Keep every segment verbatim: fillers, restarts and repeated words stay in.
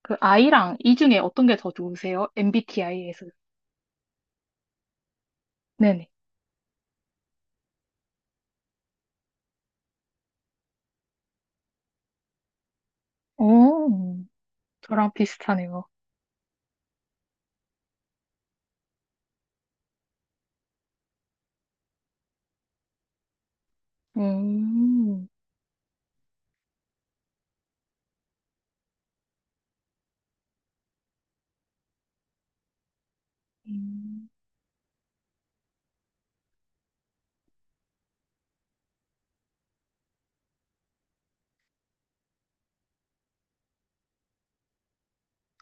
그이랑 이 중에 어떤 게 더 좋으세요? 엠비티아이. 네네. 오, 저랑 비슷하네요. 음, 음,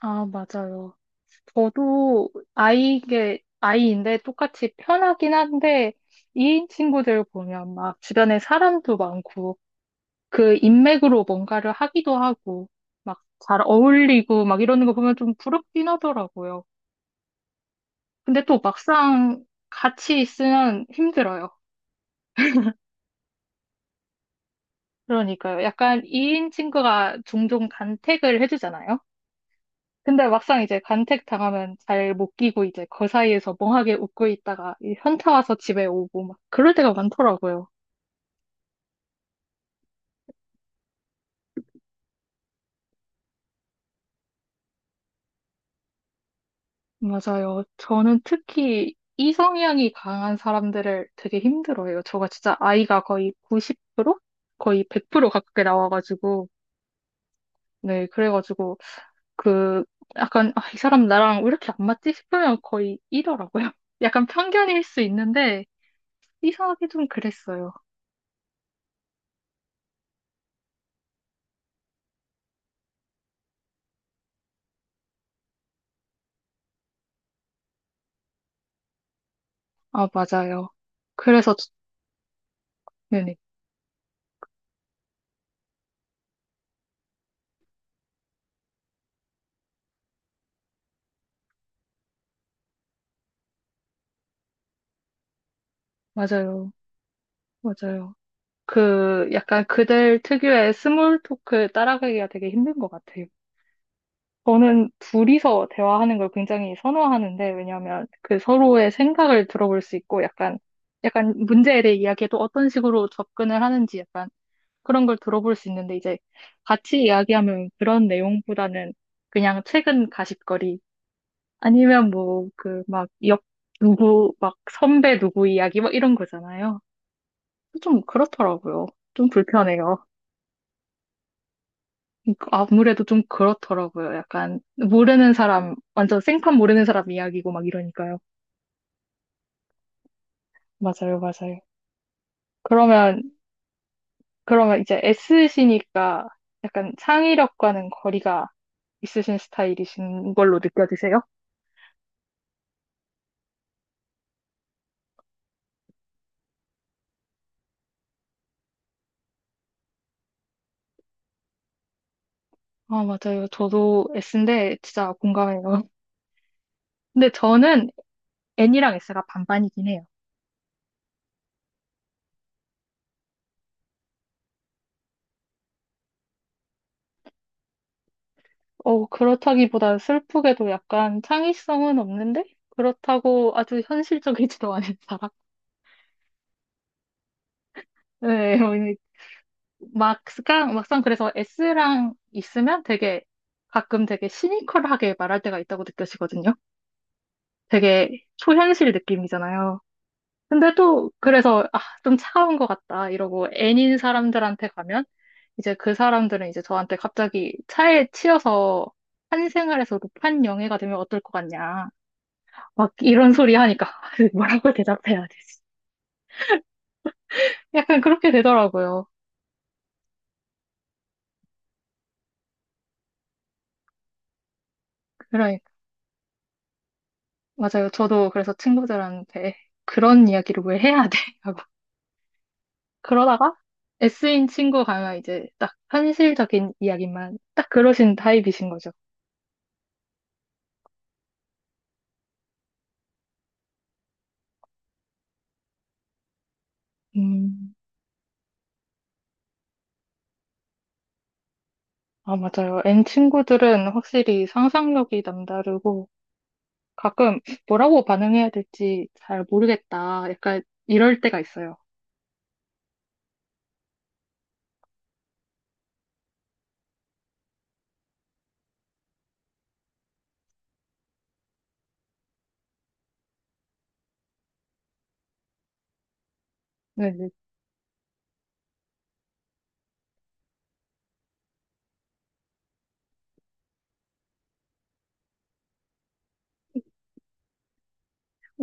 아, 맞아요. 저도 아이게, 아이인데 똑같이 편하긴 한데, 이인 친구들 보면 막 주변에 사람도 많고, 그 인맥으로 뭔가를 하기도 하고, 막 잘 어울리고 막 이러는 거 보면 좀 부럽긴 하더라고요. 근데 또 막상 같이 있으면 힘들어요. 그러니까요. 약간 이인 친구가 종종 간택을 해주잖아요. 근데 막상 이제 간택 당하면 잘 못 끼고 이제 그 사이에서 멍하게 웃고 있다가 이 현타 와서 집에 오고 막 그럴 때가 많더라고요. 맞아요. 저는 특히 이 성향이 강한 사람들을 되게 힘들어해요. 저가 진짜 아이가 거의 구십 프로? 거의 백 프로 가깝게 나와가지고. 네, 그래가지고 그 약간 아, 이 사람 나랑 왜 이렇게 안 맞지 싶으면 거의 이러라고요. 약간 편견일 수 있는데 이상하게 좀 그랬어요. 아, 맞아요. 그래서, 저- 네네. 맞아요. 맞아요. 그, 약간 그들 특유의 스몰 토크 따라가기가 되게 힘든 것 같아요. 저는 둘이서 대화하는 걸 굉장히 선호하는데, 왜냐하면 그 서로의 생각을 들어볼 수 있고, 약간, 약간 문제에 대해 이야기해도 어떤 식으로 접근을 하는지 약간 그런 걸 들어볼 수 있는데, 이제 같이 이야기하면 그런 내용보다는 그냥 최근 가십거리, 아니면 뭐, 그, 막, 역, 누구, 막, 선배 누구 이야기, 막 이런 거잖아요. 좀 그렇더라고요. 좀 불편해요. 그러니까 아무래도 좀 그렇더라고요. 약간, 모르는 사람, 완전 생판 모르는 사람 이야기고 막 이러니까요. 맞아요, 맞아요. 그러면, 그러면 이제 S시니까 약간 창의력과는 거리가 있으신 스타일이신 걸로 느껴지세요? 아, 맞아요. 저도 S인데 진짜 공감해요. 근데 저는 N이랑 S가 반반이긴 해요. 어, 그렇다기보다 슬프게도 약간 창의성은 없는데? 그렇다고 아주 현실적이지도 않은 사람? 네, 어, 이- 막상, 막상 그래서 S랑 있으면 되게 가끔 되게 시니컬하게 말할 때가 있다고 느껴지거든요. 되게 초현실 느낌이잖아요. 근데 또 그래서 아, 좀 차가운 것 같다 이러고 N인 사람들한테 가면 이제 그 사람들은 이제 저한테 갑자기 차에 치여서 한생활에서 높은 영예가 되면 어떨 것 같냐. 막 이런 소리 하니까 뭐라고 대답해야 되지? 약간 그렇게 되더라고요. 그러니까 맞아요. 저도 그래서 친구들한테 그런 이야기를 왜 해야 돼? 하고 그러다가 S인 친구 가면 이제 딱 현실적인 이야기만 딱 그러신 타입이신 거죠. 음, 아 맞아요. N 친구들은 확실히 상상력이 남다르고 가끔 뭐라고 반응해야 될지 잘 모르겠다. 약간 이럴 때가 있어요. 네, 네.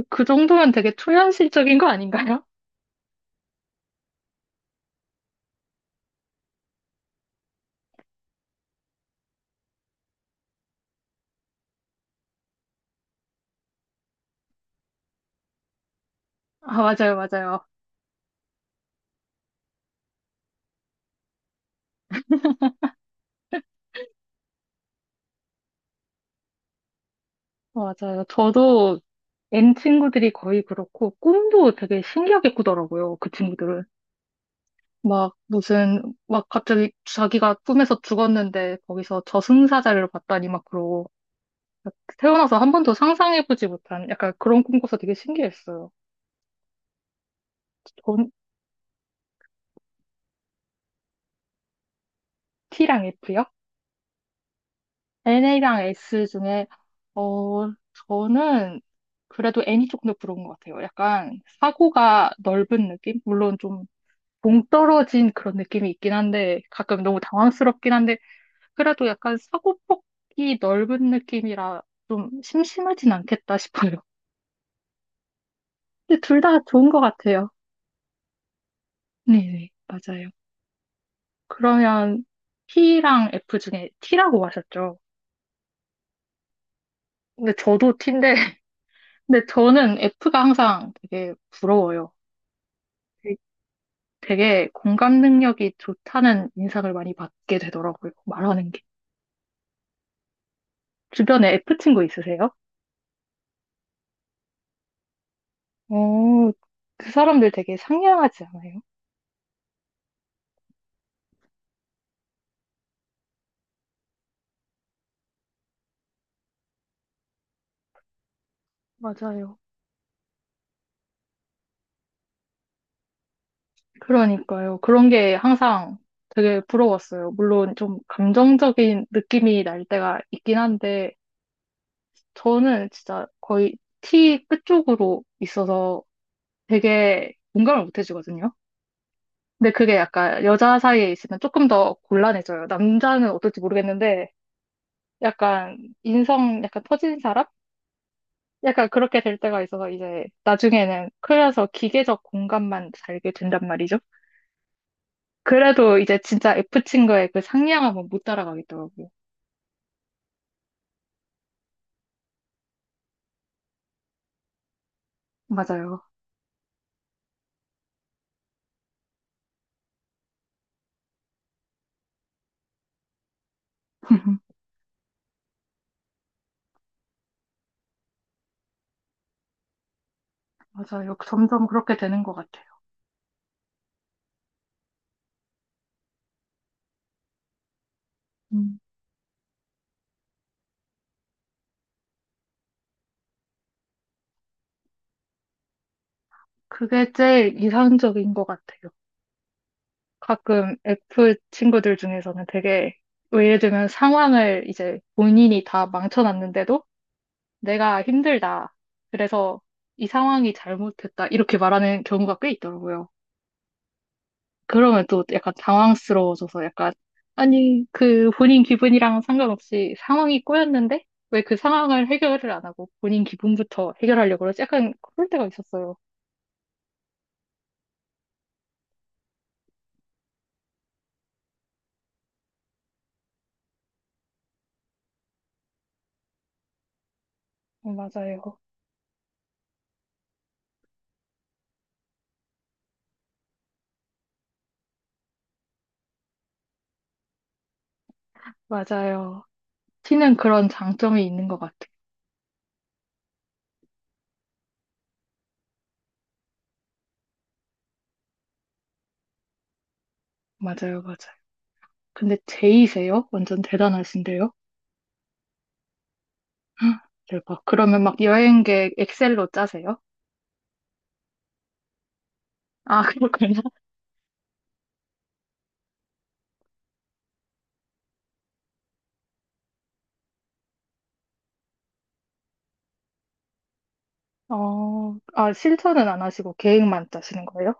그 정도면 되게 초현실적인 거 아닌가요? 아, 맞아요, 맞아요. 맞아요. 저도 N 친구들이 거의 그렇고, 꿈도 되게 신기하게 꾸더라고요, 그 친구들은. 막, 무슨, 막 갑자기 자기가 꿈에서 죽었는데, 거기서 저승사자를 봤다니 막 그러고, 태어나서 한 번도 상상해보지 못한 약간 그런 꿈 꿔서 되게 신기했어요. 전, T랑 F요? n 이랑 S 중에, 어, 저는 그래도 N이 조금 더 부러운 것 같아요. 약간 사고가 넓은 느낌? 물론 좀 동떨어진 그런 느낌이 있긴 한데 가끔 너무 당황스럽긴 한데 그래도 약간 사고폭이 넓은 느낌이라 좀 심심하진 않겠다 싶어요. 근데 둘 다 좋은 것 같아요. 네네, 맞아요. 그러면 t 랑 F 중에 T라고 하셨죠? 근데 저도 T인데 근데 저는 F가 항상 되게 부러워요. 되게 되게 공감 능력이 좋다는 인상을 많이 받게 되더라고요. 말하는 게. 주변에 F 친구 있으세요? 어, 그 사람들 되게 상냥하지 않아요? 맞아요. 그러니까요. 그런 게 항상 되게 부러웠어요. 물론 좀 감정적인 느낌이 날 때가 있긴 한데, 저는 진짜 거의 T 끝쪽으로 있어서 되게 공감을 못 해주거든요. 근데 그게 약간 여자 사이에 있으면 조금 더 곤란해져요. 남자는 어떨지 모르겠는데, 약간 인성 약간 터진 사람? 약간 그렇게 될 때가 있어서 이제 나중에는 클려서 기계적 공간만 살게 된단 말이죠. 그래도 이제 진짜 F친구의 그 상냥함은 못 따라가겠더라고요. 맞아요. 맞아요. 점점 그렇게 되는 것 같아요. 음, 그게 제일 이상적인 것 같아요. 가끔 F 친구들 중에서는 되게, 뭐 예를 들면 상황을 이제 본인이 다 망쳐놨는데도 내가 힘들다. 그래서 이 상황이 잘못됐다. 이렇게 말하는 경우가 꽤 있더라고요. 그러면 또 약간 당황스러워져서 약간, 아니, 그 본인 기분이랑 상관없이 상황이 꼬였는데, 왜 그 상황을 해결을 안 하고 본인 기분부터 해결하려고 그러지? 약간 그럴 때가 있었어요. 어, 맞아요. 맞아요. 티는 그런 장점이 있는 것 같아요. 맞아요, 맞아요. 근데 제이세요? 완전 대단하신데요? 헉, 대박. 그러면 막 여행 계획 엑셀로 짜세요? 아, 그렇구나. 어, 아, 실천은 안 하시고 계획만 짜시는 거예요?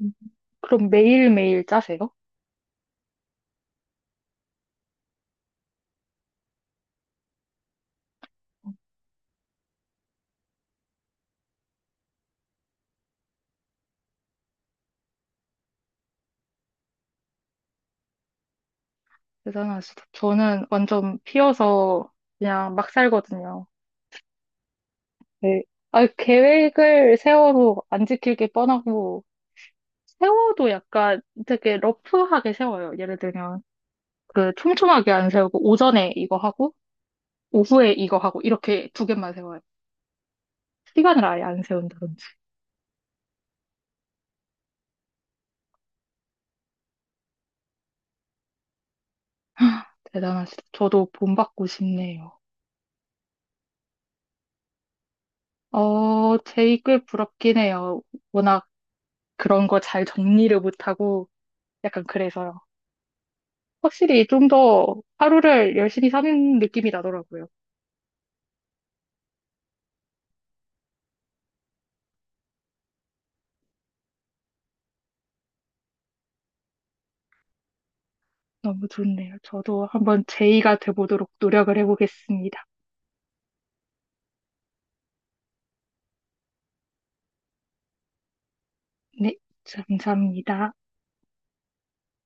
음. 그럼 매일매일 짜세요? 대단하시다. 저는 완전 피어서 그냥 막 살거든요. 네. 아, 계획을 세워도 안 지킬 게 뻔하고, 세워도 약간 되게 러프하게 세워요. 예를 들면, 그 촘촘하게 안 세우고, 오전에 이거 하고, 오후에 이거 하고, 이렇게 두 개만 세워요. 시간을 아예 안 세운다든지. 대단하시다. 저도 본받고 싶네요. 어, 제이꽤 부럽긴 해요. 워낙 그런 거 잘 정리를 못하고, 약간 그래서요. 확실히 좀 더 하루를 열심히 사는 느낌이 나더라고요. 너무 좋네요. 저도 한번 제의가 돼보도록 노력을 해보겠습니다. 네, 감사합니다.